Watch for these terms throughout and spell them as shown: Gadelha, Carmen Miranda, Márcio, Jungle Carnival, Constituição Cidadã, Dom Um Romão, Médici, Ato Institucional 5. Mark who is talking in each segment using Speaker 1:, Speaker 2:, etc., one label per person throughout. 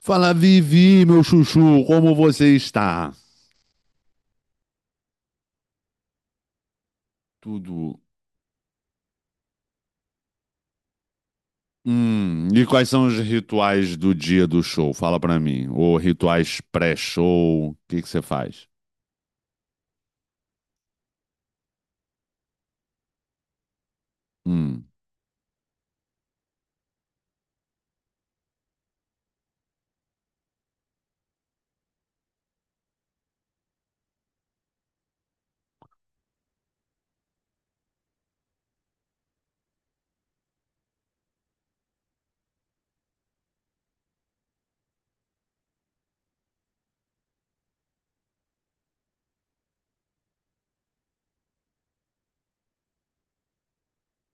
Speaker 1: Fala, Vivi, meu chuchu, como você está? Tudo. E quais são os rituais do dia do show? Fala pra mim. Ou rituais pré-show? O que que você faz? Hum.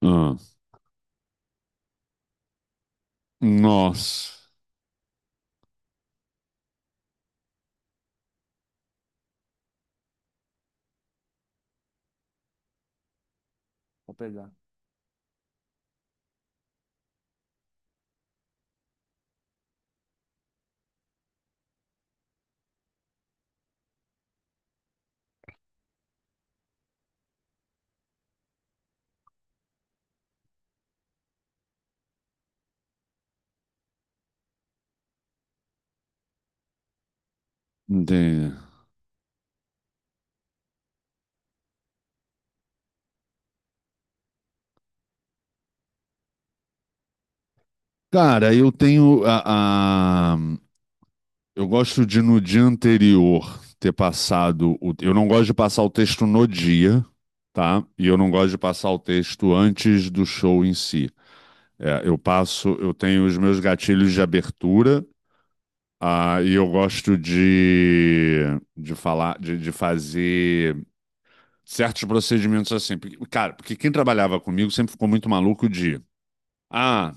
Speaker 1: Ah. Nossa. Entendi. Cara, eu tenho a- eu gosto de no dia anterior ter passado. Eu não gosto de passar o texto no dia, tá? E eu não gosto de passar o texto antes do show em si. É, eu passo, eu tenho os meus gatilhos de abertura, e eu gosto de falar, de fazer certos procedimentos assim. Cara, porque quem trabalhava comigo sempre ficou muito maluco de, ah,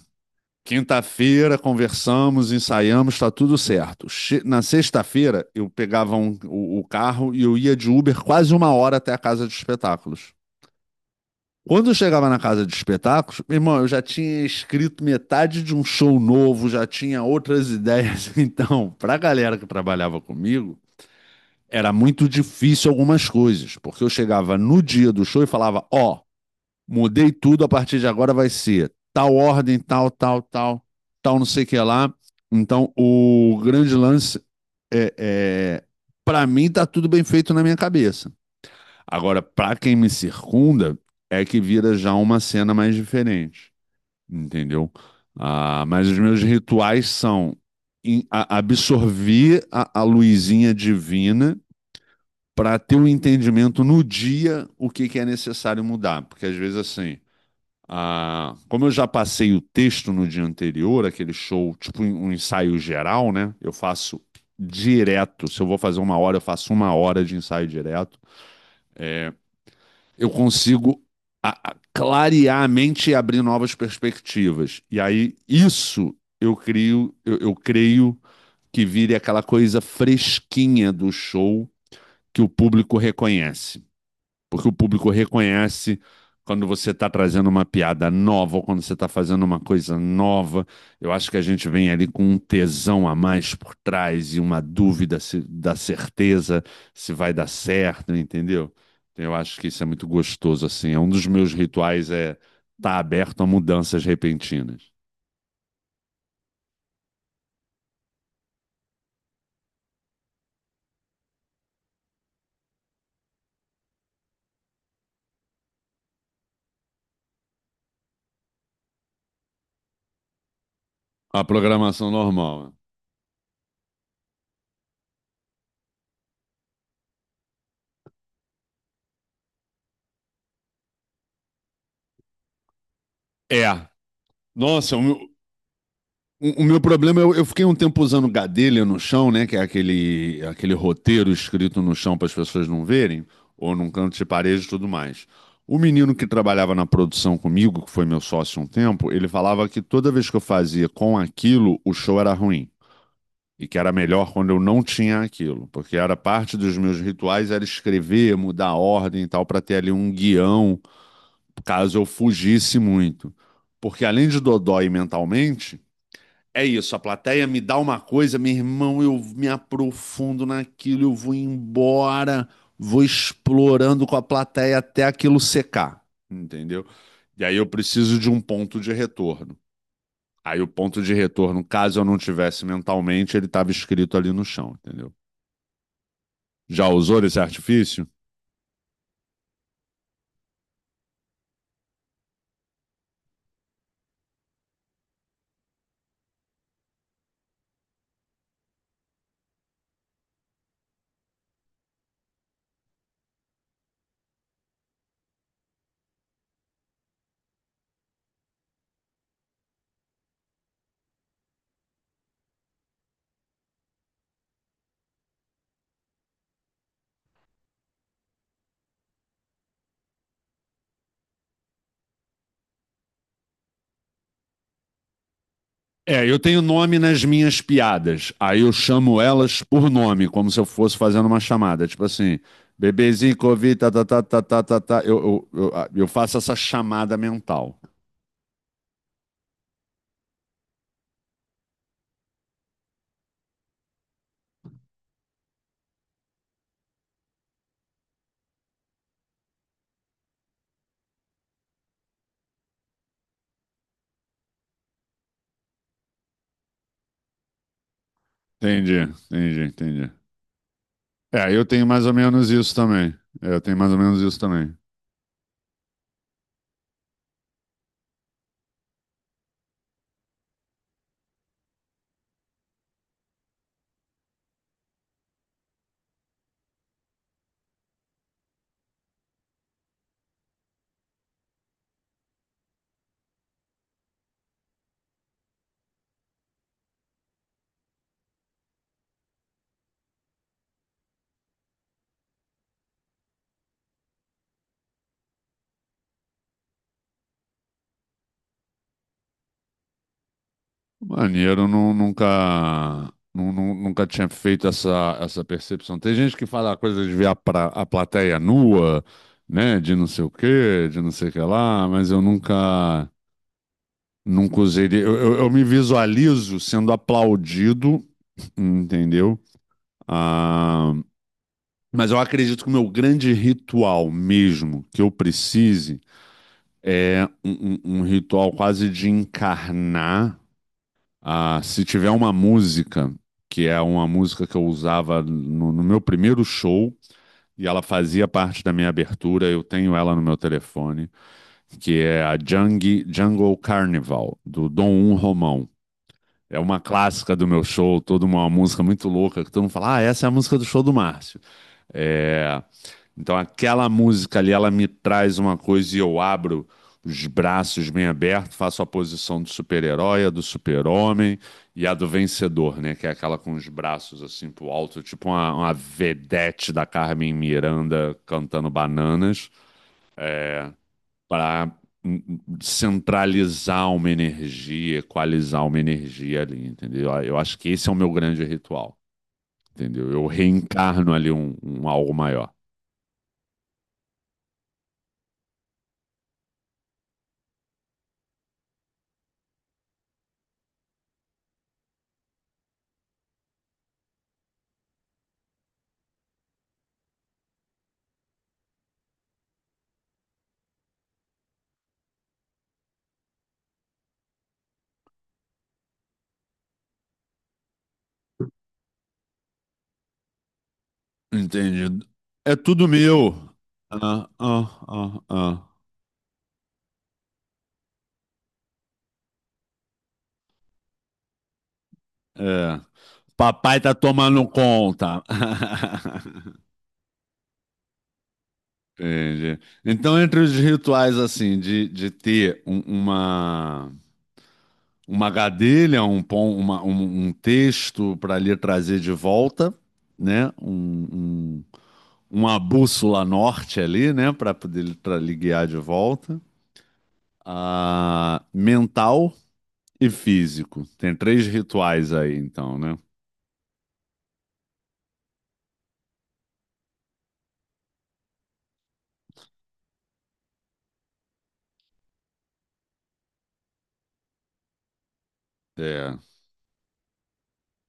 Speaker 1: quinta-feira conversamos, ensaiamos, tá tudo certo. Na sexta-feira eu pegava o carro e eu ia de Uber quase uma hora até a casa de espetáculos. Quando eu chegava na casa de espetáculos, meu irmão, eu já tinha escrito metade de um show novo, já tinha outras ideias. Então, para a galera que trabalhava comigo, era muito difícil algumas coisas, porque eu chegava no dia do show e falava: Ó, mudei tudo, a partir de agora vai ser tal ordem, tal, tal, tal, tal, não sei o que lá. Então, o grande lance é para mim, tá tudo bem feito na minha cabeça. Agora, para quem me circunda, é que vira já uma cena mais diferente, entendeu? Ah, mas os meus rituais são absorver a luzinha divina para ter um entendimento no dia o que é necessário mudar. Porque às vezes, assim, ah, como eu já passei o texto no dia anterior, aquele show, tipo um ensaio geral, né? Eu faço direto. Se eu vou fazer uma hora, eu faço uma hora de ensaio direto. Eu consigo clarear a mente e abrir novas perspectivas. E aí, isso eu crio, eu creio que vire aquela coisa fresquinha do show que o público reconhece. Porque o público reconhece quando você está trazendo uma piada nova ou quando você está fazendo uma coisa nova. Eu acho que a gente vem ali com um tesão a mais por trás e uma dúvida da certeza se vai dar certo, entendeu? Então, eu acho que isso é muito gostoso, assim. É um dos meus rituais é estar aberto a mudanças repentinas. A programação normal. Né? É. Nossa, o meu problema, eu fiquei um tempo usando Gadelha no chão, né? Que é aquele roteiro escrito no chão para as pessoas não verem, ou num canto de parede e tudo mais. O menino que trabalhava na produção comigo, que foi meu sócio um tempo, ele falava que toda vez que eu fazia com aquilo, o show era ruim. E que era melhor quando eu não tinha aquilo. Porque era parte dos meus rituais, era escrever, mudar a ordem e tal, para ter ali um guião, caso eu fugisse muito. Porque além de dodói mentalmente, é isso, a plateia me dá uma coisa, meu irmão, eu me aprofundo naquilo, eu vou embora, vou explorando com a plateia até aquilo secar, entendeu? E aí eu preciso de um ponto de retorno. Aí o ponto de retorno, caso eu não tivesse mentalmente, ele estava escrito ali no chão, entendeu? Já usou esse artifício? É, eu tenho nome nas minhas piadas. Aí eu chamo elas por nome, como se eu fosse fazendo uma chamada. Tipo assim, bebezinho, Covid, tá, tá, tá, tá, tá, tá, tá. Eu, ah, eu faço essa chamada mental. Entendi, entendi, entendi. É, eu tenho mais ou menos isso também. É, eu tenho mais ou menos isso também. Maneiro, nunca, nunca tinha feito essa percepção. Tem gente que fala a coisa de ver a plateia nua, né? De não sei o quê, de não sei o que lá, mas eu nunca. Não cozeria. Eu me visualizo sendo aplaudido, entendeu? Ah, mas eu acredito que o meu grande ritual mesmo que eu precise é um ritual quase de encarnar. Ah, se tiver uma música, que é uma música que eu usava no meu primeiro show, e ela fazia parte da minha abertura, eu tenho ela no meu telefone, que é a Jungle, Jungle Carnival, do Dom Um Romão. É uma clássica do meu show, toda uma música muito louca, que todo mundo fala, ah, essa é a música do show do Márcio. É, então aquela música ali, ela me traz uma coisa e eu abro os braços bem abertos, faço a posição do super-herói, a do super-homem e a do vencedor, né? Que é aquela com os braços assim pro alto, tipo uma vedete da Carmen Miranda cantando bananas. É, para centralizar uma energia, equalizar uma energia ali, entendeu? Eu acho que esse é o meu grande ritual, entendeu? Eu reencarno ali um algo maior. Entendido. É tudo meu. Ah, ah, ah, ah. É. Papai tá tomando conta. Entendi. Então, entre os rituais, assim, de ter uma gadelha, um texto para lhe trazer de volta, né? Um, uma bússola norte ali, né? Para poder lhe, lhe guiar de volta. Ah, mental e físico. Tem 3 rituais aí, então, né? É,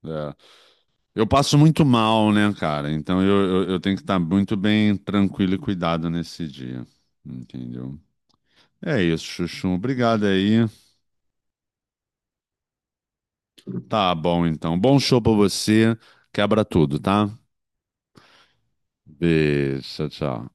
Speaker 1: é. Eu passo muito mal, né, cara? Então eu tenho que estar muito bem tranquilo e cuidado nesse dia. Entendeu? É isso, Chuchu. Obrigado aí. Tá bom, então. Bom show pra você. Quebra tudo, tá? Beijo, tchau, tchau.